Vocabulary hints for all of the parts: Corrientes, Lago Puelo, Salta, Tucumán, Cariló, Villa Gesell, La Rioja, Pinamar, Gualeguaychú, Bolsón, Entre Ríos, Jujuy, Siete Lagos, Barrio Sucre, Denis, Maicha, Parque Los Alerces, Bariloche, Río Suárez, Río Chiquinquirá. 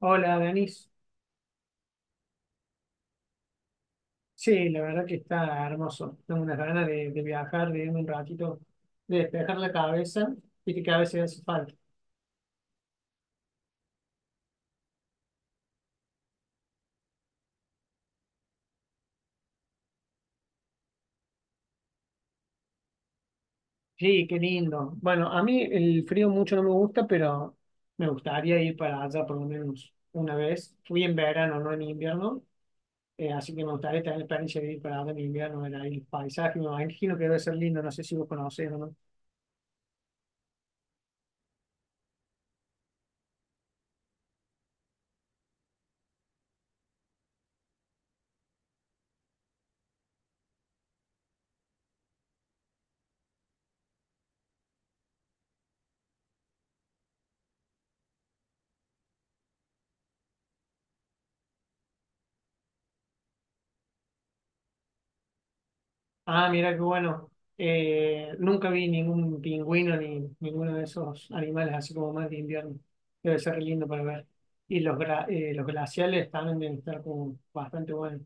Hola, Denis. Sí, la verdad que está hermoso. Tengo unas ganas de viajar, de irme un ratito, de despejar la cabeza, y que a veces hace falta. Sí, qué lindo. Bueno, a mí el frío mucho no me gusta, pero me gustaría ir para allá por lo menos una vez. Fui en verano, no en invierno, así que me gustaría tener la experiencia de ir para allá en invierno, ver ahí el paisaje. Me imagino que debe ser lindo, no sé si vos conocés o no. Ah, mira qué bueno. Nunca vi ningún pingüino ni ninguno de esos animales así como más de invierno. Debe ser lindo para ver. Y los glaciales también deben estar como bastante buenos.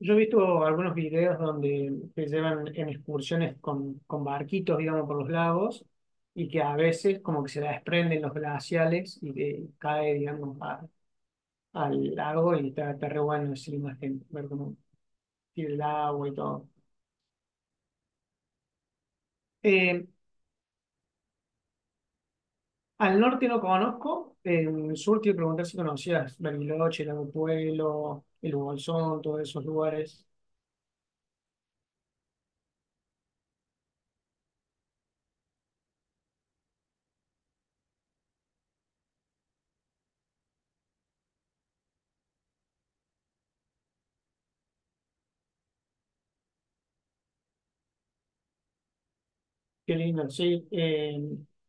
Yo he visto algunos videos donde te llevan en excursiones con barquitos, digamos, por los lagos y que a veces como que se desprenden los glaciales y te cae, digamos, al lago y está re bueno así, imagen, ver cómo tiene el agua y todo. Eh, Al norte no conozco, en el sur te iba a preguntar si conocías Bariloche, Lago Puelo, el Bolsón, todos esos lugares. Qué lindo, sí.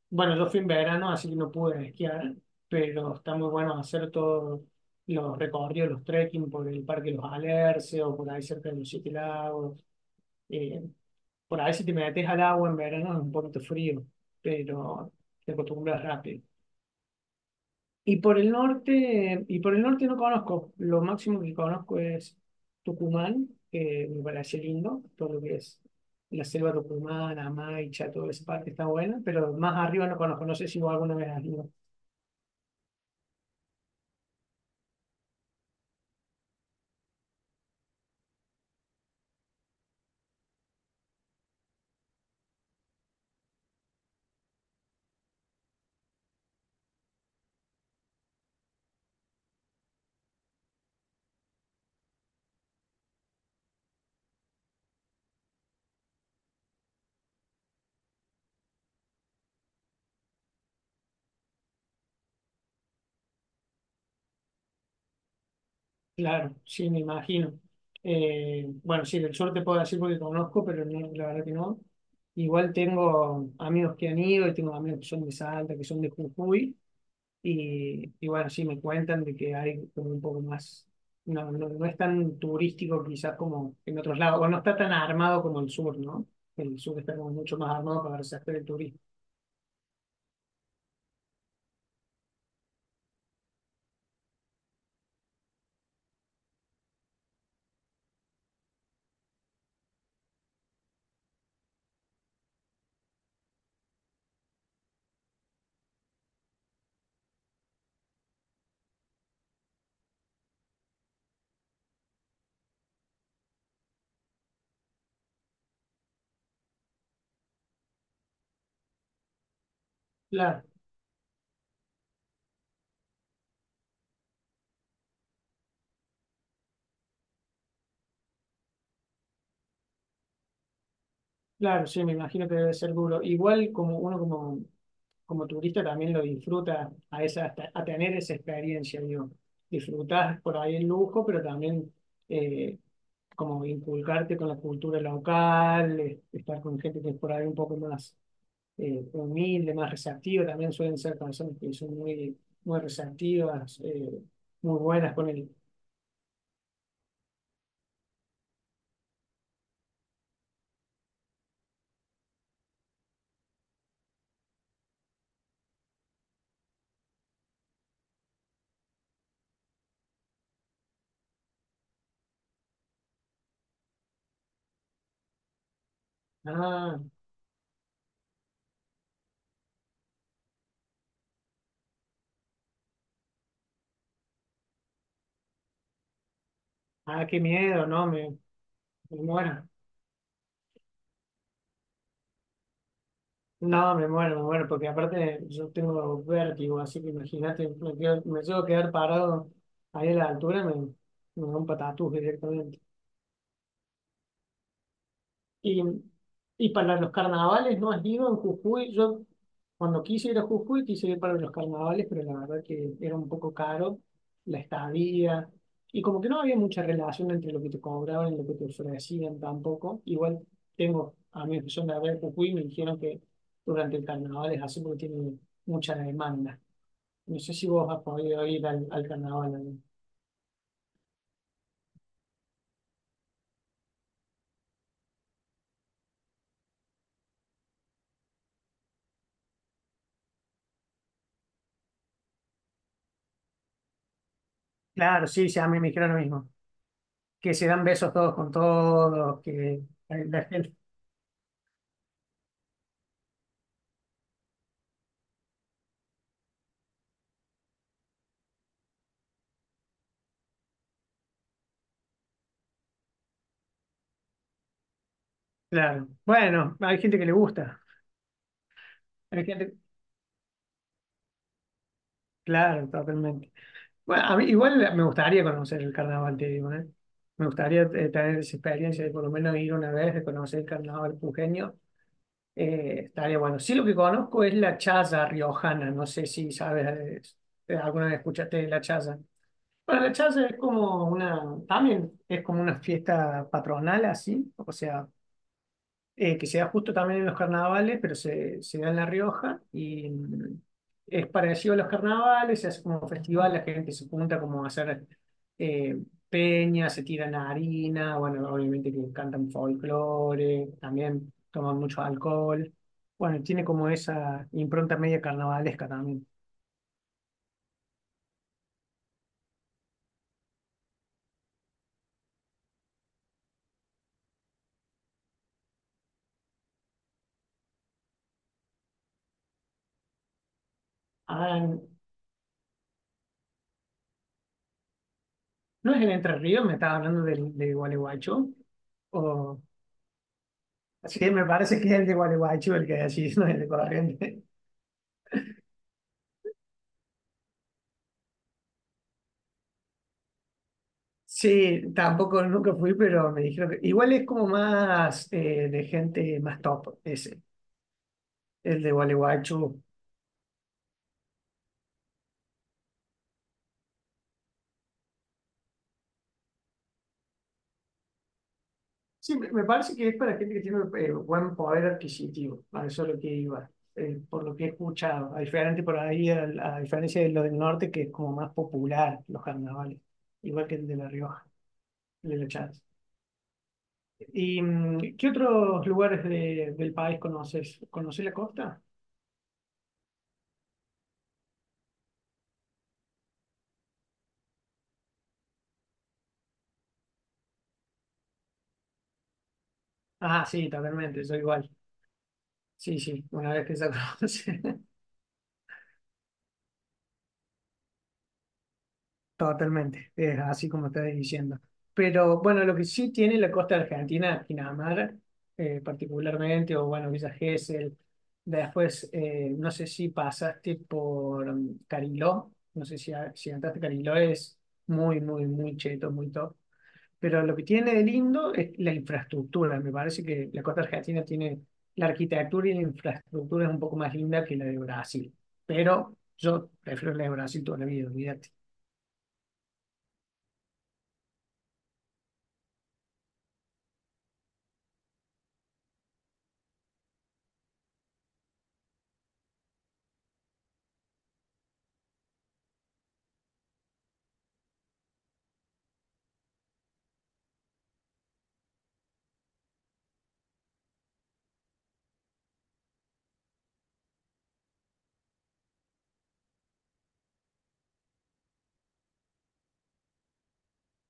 Bueno, yo fui en verano, así que no pude esquiar, pero está muy bueno hacer todos los recorridos, los trekking por el Parque Los Alerces o por ahí cerca de los Siete Lagos. Eh, por ahí si te metes al agua en verano es un poquito frío, pero te acostumbras rápido. Y por el norte no conozco. Lo máximo que conozco es Tucumán, que me parece lindo, todo lo que es la selva tucumana, Maicha, toda esa parte está buena, pero más arriba no conozco, no sé si vos alguna vez has ido. Claro, sí, me imagino. Bueno, sí, del sur te puedo decir porque conozco, pero no, la verdad que no. Igual tengo amigos que han ido y tengo amigos que son de Salta, que son de Jujuy. Y bueno, sí, me cuentan de que hay como un poco más, no, no, no es tan turístico quizás como en otros lados, o no está tan armado como el sur, ¿no? El sur está como mucho más armado para hacer el turismo. Claro, claro, sí, me imagino que debe ser duro. Igual como turista también lo disfruta a tener esa experiencia, digo, disfrutar por ahí el lujo, pero también eh, como inculcarte con la cultura local, estar con gente que es por ahí un poco más humilde, más receptivo, también suelen ser personas que son muy, muy receptivas, muy buenas con ah, ah, qué miedo, no, me muero. No, me muero, porque aparte yo tengo vértigo, así que imagínate, me llego a quedar parado ahí a la altura, me da un patatús directamente. Y, y para los carnavales no has ido en Jujuy. Yo cuando quise ir a Jujuy quise ir para los carnavales, pero la verdad que era un poco caro la estadía. Y como que no había mucha relación entre lo que te cobraban y lo que te ofrecían tampoco. Igual tengo amigos que son de acá de Jujuy y me dijeron que durante el carnaval es así porque tiene mucha demanda. No sé si vos has podido ir al carnaval, ¿no? Claro, sí, sí, a mí me dijeron lo mismo. Que se dan besos todos con todos, que la gente... Claro. Bueno, hay gente que le gusta. Hay gente... Claro, totalmente. Bueno, a mí igual me gustaría conocer el carnaval, te digo, ¿eh? Me gustaría tener esa experiencia de por lo menos ir una vez de conocer el carnaval pujeño. Estaría bueno. Sí, lo que conozco es la chaza riojana. No sé si sabes, alguna vez escuchaste de la chaza. Bueno, la chaza es como una, también es como una fiesta patronal así, o sea, que se da justo también en los carnavales, pero se da en La Rioja y es parecido a los carnavales, se hace como un festival, la gente se junta como a hacer eh, peñas, se tiran harina, bueno, obviamente que cantan folclore, también toman mucho alcohol. Bueno, tiene como esa impronta media carnavalesca también. Ah, ¿no es en Entre Ríos? ¿Me estaba hablando de Gualeguaychú? O... Sí, me parece que es el de Gualeguaychú el que decís, no es el de Corrientes. Sí, tampoco nunca fui, pero me dijeron que igual es como más de gente más top, ese, el de Gualeguaychú. Sí, me parece que es para gente que tiene buen poder adquisitivo, a eso es lo que iba, por lo que he escuchado, a diferente por ahí, al- a, diferencia de lo del norte, que es como más popular los carnavales, igual que el de La Rioja, el de La Chance. ¿Y qué otros lugares del país conoces? ¿Conoces la costa? Ah, sí, totalmente, soy igual. Sí, sí, una vez que se conoce. Totalmente, es así como estás diciendo. Pero bueno, lo que sí tiene la costa argentina, Pinamar, particularmente, o bueno, Villa Gesell. Después, no sé si pasaste por Cariló, no sé si entraste a Cariló, es muy, muy, muy cheto, muy top. Pero lo que tiene de lindo es la infraestructura. Me parece que la costa argentina tiene la arquitectura y la infraestructura es un poco más linda que la de Brasil. Pero yo prefiero la de Brasil toda la vida, olvídate.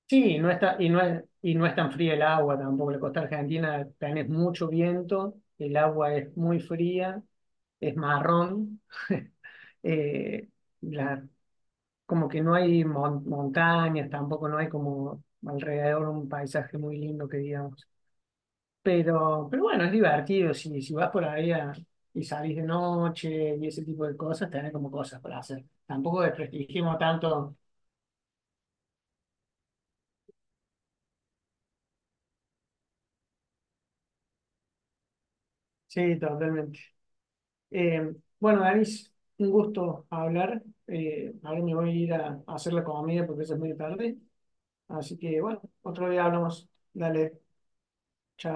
Sí, y no es tan fría el agua tampoco. La costa argentina tenés mucho viento, el agua es muy fría, es marrón. eh, la- Como que no hay montañas, tampoco no hay como alrededor un paisaje muy lindo que digamos. Pero bueno, es divertido. Si vas por ahí y salís de noche y ese tipo de cosas, tenés como cosas para hacer. Tampoco desprestigiemos tanto. Sí, totalmente. Bueno, Danis, un gusto hablar. Ahora me voy a ir a hacer la comida porque ya es muy tarde. Así que, bueno, otro día hablamos. Dale, chao.